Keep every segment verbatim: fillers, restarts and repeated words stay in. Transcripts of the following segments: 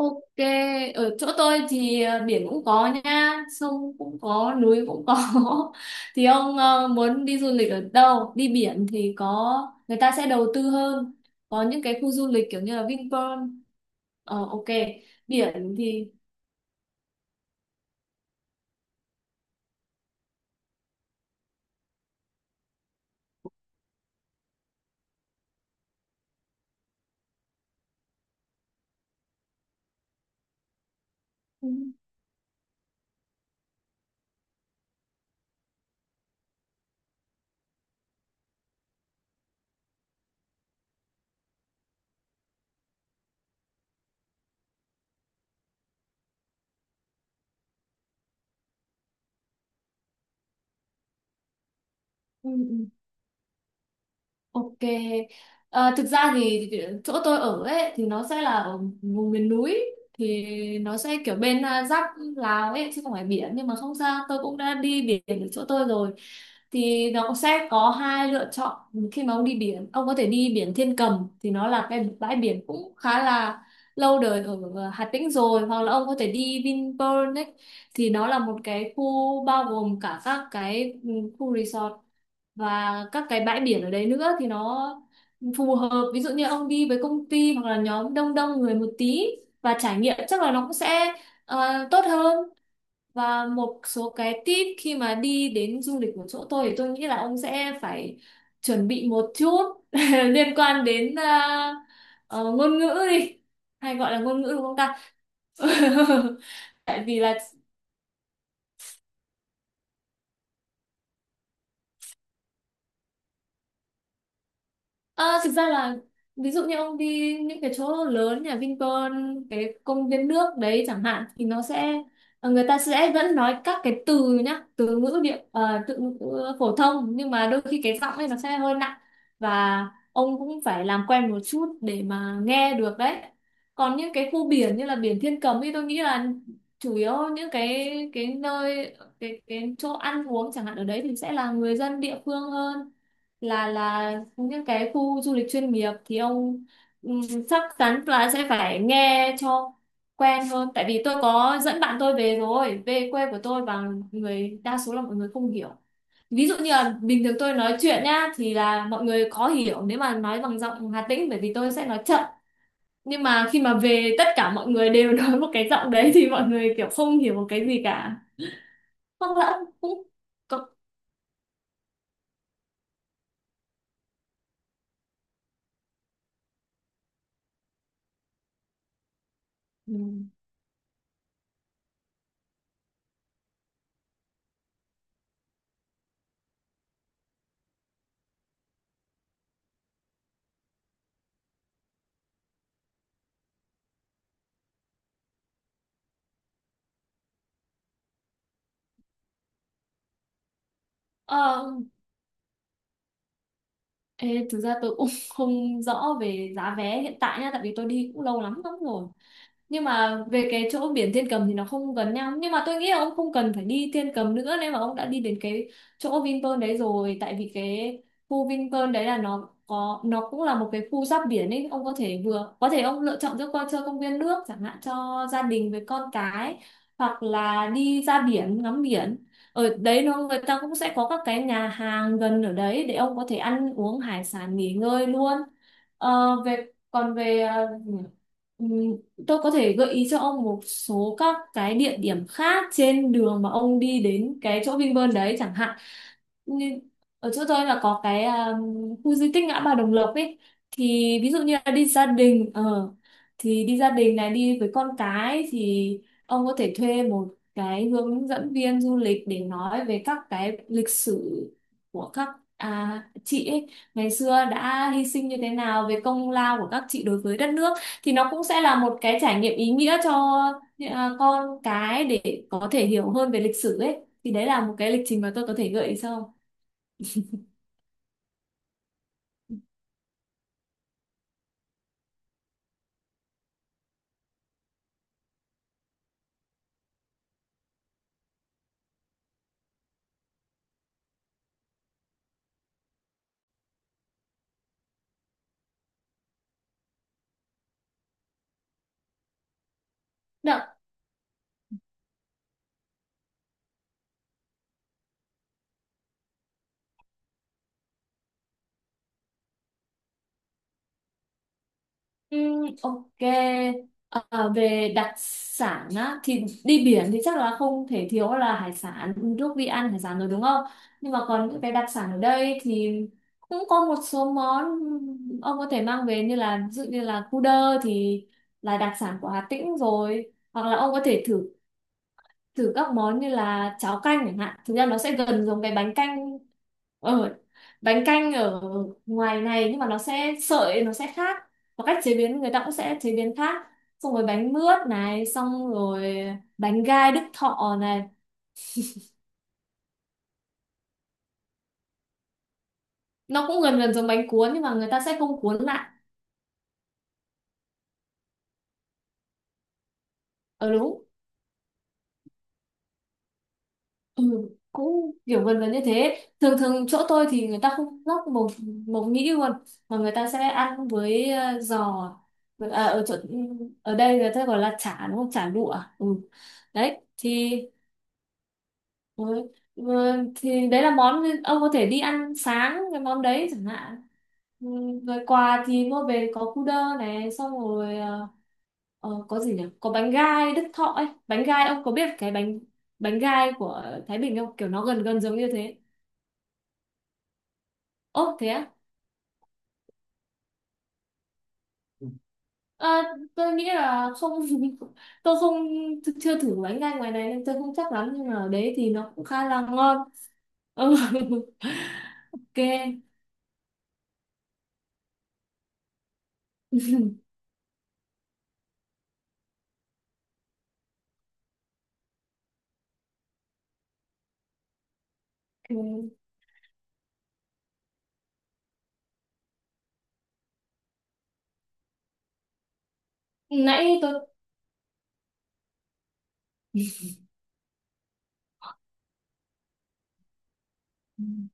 Ok, ở chỗ tôi thì ờ, biển cũng có nha, sông cũng có, núi cũng có. Thì ông ờ, muốn đi du lịch ở đâu? Đi biển thì có, người ta sẽ đầu tư hơn. Có những cái khu du lịch kiểu như là Vinpearl. Ờ ok, biển thì... Ừ, ừ, ừ. Ok. Ờ, thực ra thì chỗ tôi ở ấy thì nó sẽ là ở vùng miền núi, thì nó sẽ kiểu bên à, giáp Lào ấy, chứ không phải biển, nhưng mà không sao, tôi cũng đã đi biển ở chỗ tôi rồi. Thì nó cũng sẽ có hai lựa chọn khi mà ông đi biển. Ông có thể đi biển Thiên Cầm, thì nó là cái bãi biển cũng khá là lâu đời ở ờ, Hà Tĩnh rồi, hoặc là ông có thể đi Vinpearl ấy. Thì nó là một cái khu bao gồm cả các cái ừ, khu resort và các cái bãi biển ở đấy nữa. Thì nó phù hợp ví dụ như ông đi với công ty hoặc là nhóm đông đông người một tí, và trải nghiệm chắc là nó cũng sẽ ờ, tốt hơn. Và một số cái tip khi mà đi đến du lịch của chỗ tôi thì tôi nghĩ là ông sẽ phải chuẩn bị một chút liên quan đến ờ, ờ, ngôn ngữ đi, hay gọi là ngôn ngữ đúng không ta. Tại vì là Ờ, thực ra là ví dụ như ông đi những cái chỗ lớn nhà Vinpearl, cái công viên nước đấy chẳng hạn, thì nó sẽ ờ, người ta sẽ vẫn nói các cái từ nhá, từ ngữ địa ờ, từ ngữ phổ thông, nhưng mà đôi khi cái giọng ấy nó sẽ hơi nặng, và ông cũng phải làm quen một chút để mà nghe được đấy. Còn những cái khu biển như là biển Thiên Cầm thì tôi nghĩ là chủ yếu những cái cái nơi cái cái chỗ ăn uống chẳng hạn ở đấy thì sẽ là người dân địa phương hơn là là những cái khu du lịch chuyên nghiệp. Thì ông ừm, chắc chắn là sẽ phải nghe cho quen hơn, tại vì tôi có dẫn bạn tôi về rồi, về quê của tôi, và người đa số là mọi người không hiểu. Ví dụ như là bình thường tôi nói chuyện nhá, thì là mọi người khó hiểu nếu mà nói bằng giọng Hà Tĩnh, bởi vì tôi sẽ nói chậm. Nhưng mà khi mà về, tất cả mọi người đều nói một cái giọng đấy, thì mọi người kiểu không hiểu một cái gì cả. Hoặc là cũng có- ừm. Ờ, Ê, thực ra tôi cũng không rõ về giá vé hiện tại nha, tại vì tôi đi cũng lâu lắm lắm rồi. Nhưng mà về cái chỗ biển Thiên Cầm thì nó không gần nhau, nhưng mà tôi nghĩ là ông không cần phải đi Thiên Cầm nữa nếu mà ông đã đi đến cái chỗ Vinpearl đấy rồi. Tại vì cái khu Vinpearl đấy là nó có, nó cũng là một cái khu giáp biển ấy. Ông có thể vừa có thể ông lựa chọn giữa coi chơi công viên nước chẳng hạn cho gia đình với con cái, hoặc là đi ra biển ngắm biển. Ở đấy nó người ta cũng sẽ có các cái nhà hàng gần ở đấy để ông có thể ăn uống hải sản, nghỉ ngơi luôn. Ờ, về còn về ờ, ừ, tôi có thể gợi ý cho ông một số các cái địa điểm khác trên đường mà ông đi đến cái chỗ Vinpearl đấy chẳng hạn. Như ở chỗ tôi là có cái à, khu di tích ngã ba Đồng Lộc ấy, thì ví dụ như là đi gia đình ờ thì đi gia đình này, đi với con cái, thì ông có thể thuê một cái hướng dẫn viên du lịch để nói về các cái lịch sử của các à, chị ấy ngày xưa đã hy sinh như thế nào, về công lao của các chị đối với đất nước. Thì nó cũng sẽ là một cái trải nghiệm ý nghĩa cho à, con cái để có thể hiểu hơn về lịch sử ấy. Thì đấy là một cái lịch trình mà tôi có thể gợi ý sau. Đạ, ừm, ok. Ờ, về đặc sản á, thì đi biển thì chắc là không thể thiếu là hải sản, lúc đi ăn hải sản rồi đúng không. Nhưng mà còn những cái đặc sản ở đây thì cũng có một số món ông có thể mang về, như là ví dụ như là cu đơ thì là đặc sản của Hà Tĩnh rồi, hoặc là ông có thể thử thử các món như là cháo canh chẳng hạn. Thực ra nó sẽ gần giống cái bánh canh ở bánh canh ở ngoài này, nhưng mà nó sẽ sợi, nó sẽ khác, và cách chế biến người ta cũng sẽ chế biến khác. Xong rồi bánh mướt này, xong rồi bánh gai Đức Thọ này. Nó cũng gần gần giống bánh cuốn nhưng mà người ta sẽ không cuốn lại. ờ Đúng. Ừ, cũng kiểu gần gần như thế. Thường thường chỗ tôi thì người ta không lóc mộc mộc nhĩ luôn, mà người ta sẽ ăn với ờ, giò. Ờ, à, ở chỗ ừ, ở đây người ta gọi là chả đúng không, chả lụa. Ừ. Đấy thì. Ừ. Ừ, thì đấy là món ông có thể đi ăn sáng, cái món đấy chẳng hạn. Ừ, rồi quà thì mua về có cu đơ này, xong rồi ờ, ờ, có gì nhỉ, có bánh gai Đức Thọ ấy. Bánh gai ông có biết cái bánh bánh gai của Thái Bình không, kiểu nó gần gần giống như thế. Ố thế á. Ờ, tôi nghĩ là không. tôi không chưa thử bánh gai ngoài này nên tôi không chắc lắm, nhưng mà ở đấy thì nó cũng khá là ngon. Ừ. Ok. Ok. nãy tôi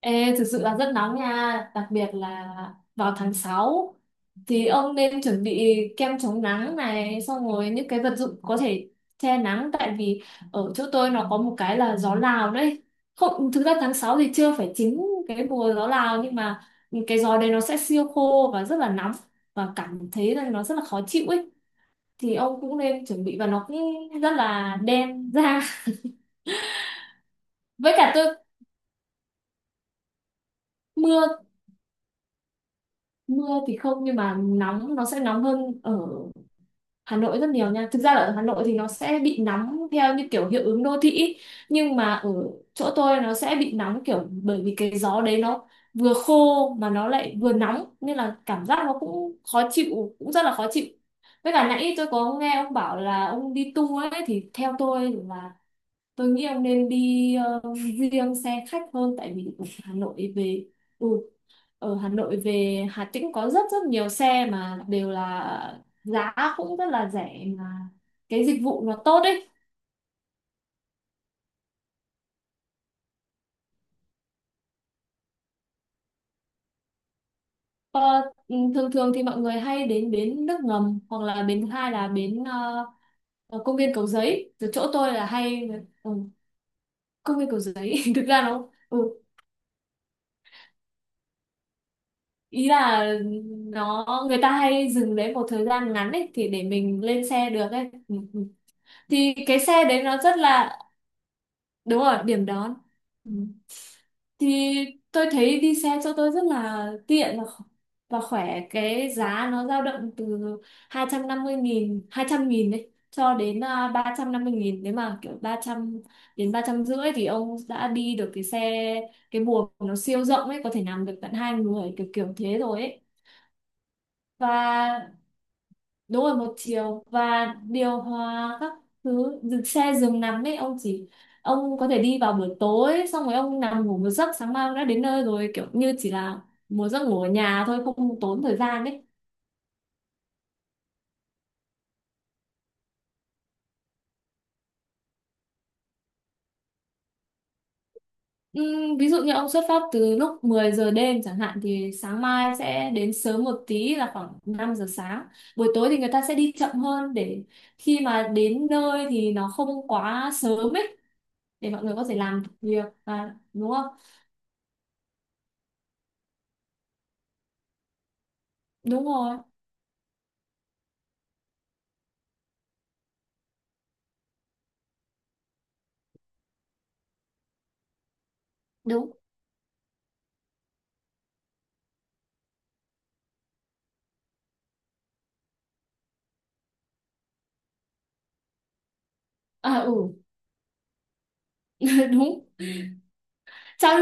Ê, thực sự là rất nóng nha, đặc biệt là vào tháng sáu, thì ông nên chuẩn bị kem chống nắng này, xong rồi những cái vật dụng có thể che nắng, tại vì ở chỗ tôi nó có một cái là gió Lào đấy. Không, thực ra tháng sáu thì chưa phải chính cái mùa gió Lào, nhưng mà cái gió đấy nó sẽ siêu khô và rất là nóng, và cảm thấy là nó rất là khó chịu ấy. Thì ông cũng nên chuẩn bị, và nó cũng rất là đen da. Với cả tôi mưa Mưa thì không, nhưng mà nóng, nó sẽ nóng hơn ở Hà Nội rất nhiều nha. Thực ra là ở Hà Nội thì nó sẽ bị nóng theo như kiểu hiệu ứng đô thị ý. Nhưng mà ở chỗ tôi nó sẽ bị nóng kiểu bởi vì cái gió đấy nó vừa khô mà nó lại vừa nóng, nên là cảm giác nó cũng khó chịu, cũng rất là khó chịu. Với cả nãy tôi có nghe ông bảo là ông đi tour ấy, thì theo tôi là tôi nghĩ ông nên đi ờ, riêng xe khách hơn, tại vì ở Hà Nội về ừ, ở Hà Nội về Hà Tĩnh có rất rất nhiều xe mà đều là giá cũng rất là rẻ mà cái dịch vụ nó tốt ấy. ờ, ừ, Thường thường thì mọi người hay đến bến nước ngầm, hoặc là bến thứ hai là bến ờ, ở công viên Cầu Giấy, từ chỗ tôi là hay ừ, công viên Cầu Giấy. Thực ra nó ừ, ý là nó người ta hay dừng đấy một thời gian ngắn ấy, thì để mình lên xe được ấy. Ừ, ừ. Thì cái xe đấy nó rất là đúng rồi, điểm đón. Ừ. Thì tôi thấy đi xe cho tôi rất là tiện và kh- và khỏe, cái giá nó dao động từ hai trăm năm mươi nghìn, hai trăm nghìn đấy, cho đến à, ba trăm năm mươi nghìn, nếu mà kiểu ba trăm đến ba trăm rưỡi thì ông đã đi được cái xe, cái buồng nó siêu rộng ấy, có thể nằm được tận hai người kiểu kiểu thế rồi ấy. Và đúng rồi, một chiều, và điều hòa các thứ, dừng xe giường nằm ấy, ông chỉ ông có thể đi vào buổi tối, xong rồi ông nằm ngủ một giấc, sáng mai ông đã đến nơi rồi, kiểu như chỉ là một giấc ngủ ở nhà thôi, không tốn thời gian ấy. Ừm, ví dụ như ông xuất phát từ lúc mười giờ đêm chẳng hạn, thì sáng mai sẽ đến sớm một tí, là khoảng năm giờ sáng. Buổi tối thì người ta sẽ đi chậm hơn để khi mà đến nơi thì nó không quá sớm ấy, để mọi người có thể làm việc, và đúng không. Đúng rồi, đúng. À ừ, đúng. Cháo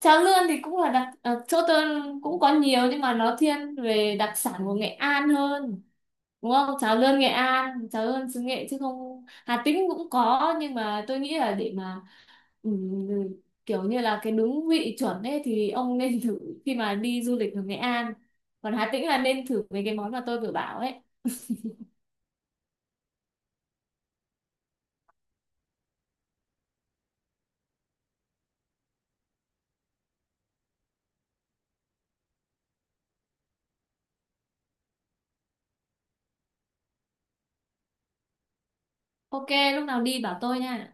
cháo lươn thì cũng là đặc à, chỗ tôi cũng có nhiều, nhưng mà nó thiên về đặc sản của Nghệ An hơn. Đúng không? Cháo lươn Nghệ An, cháo lươn xứ Nghệ chứ không, Hà Tĩnh cũng có, nhưng mà tôi nghĩ là để mà ừm, kiểu như là cái đúng vị chuẩn ấy thì ông nên thử khi mà đi du lịch ở Nghệ An. Còn Hà Tĩnh là nên thử mấy cái món mà tôi vừa bảo ấy. Ok, lúc nào đi bảo tôi nha.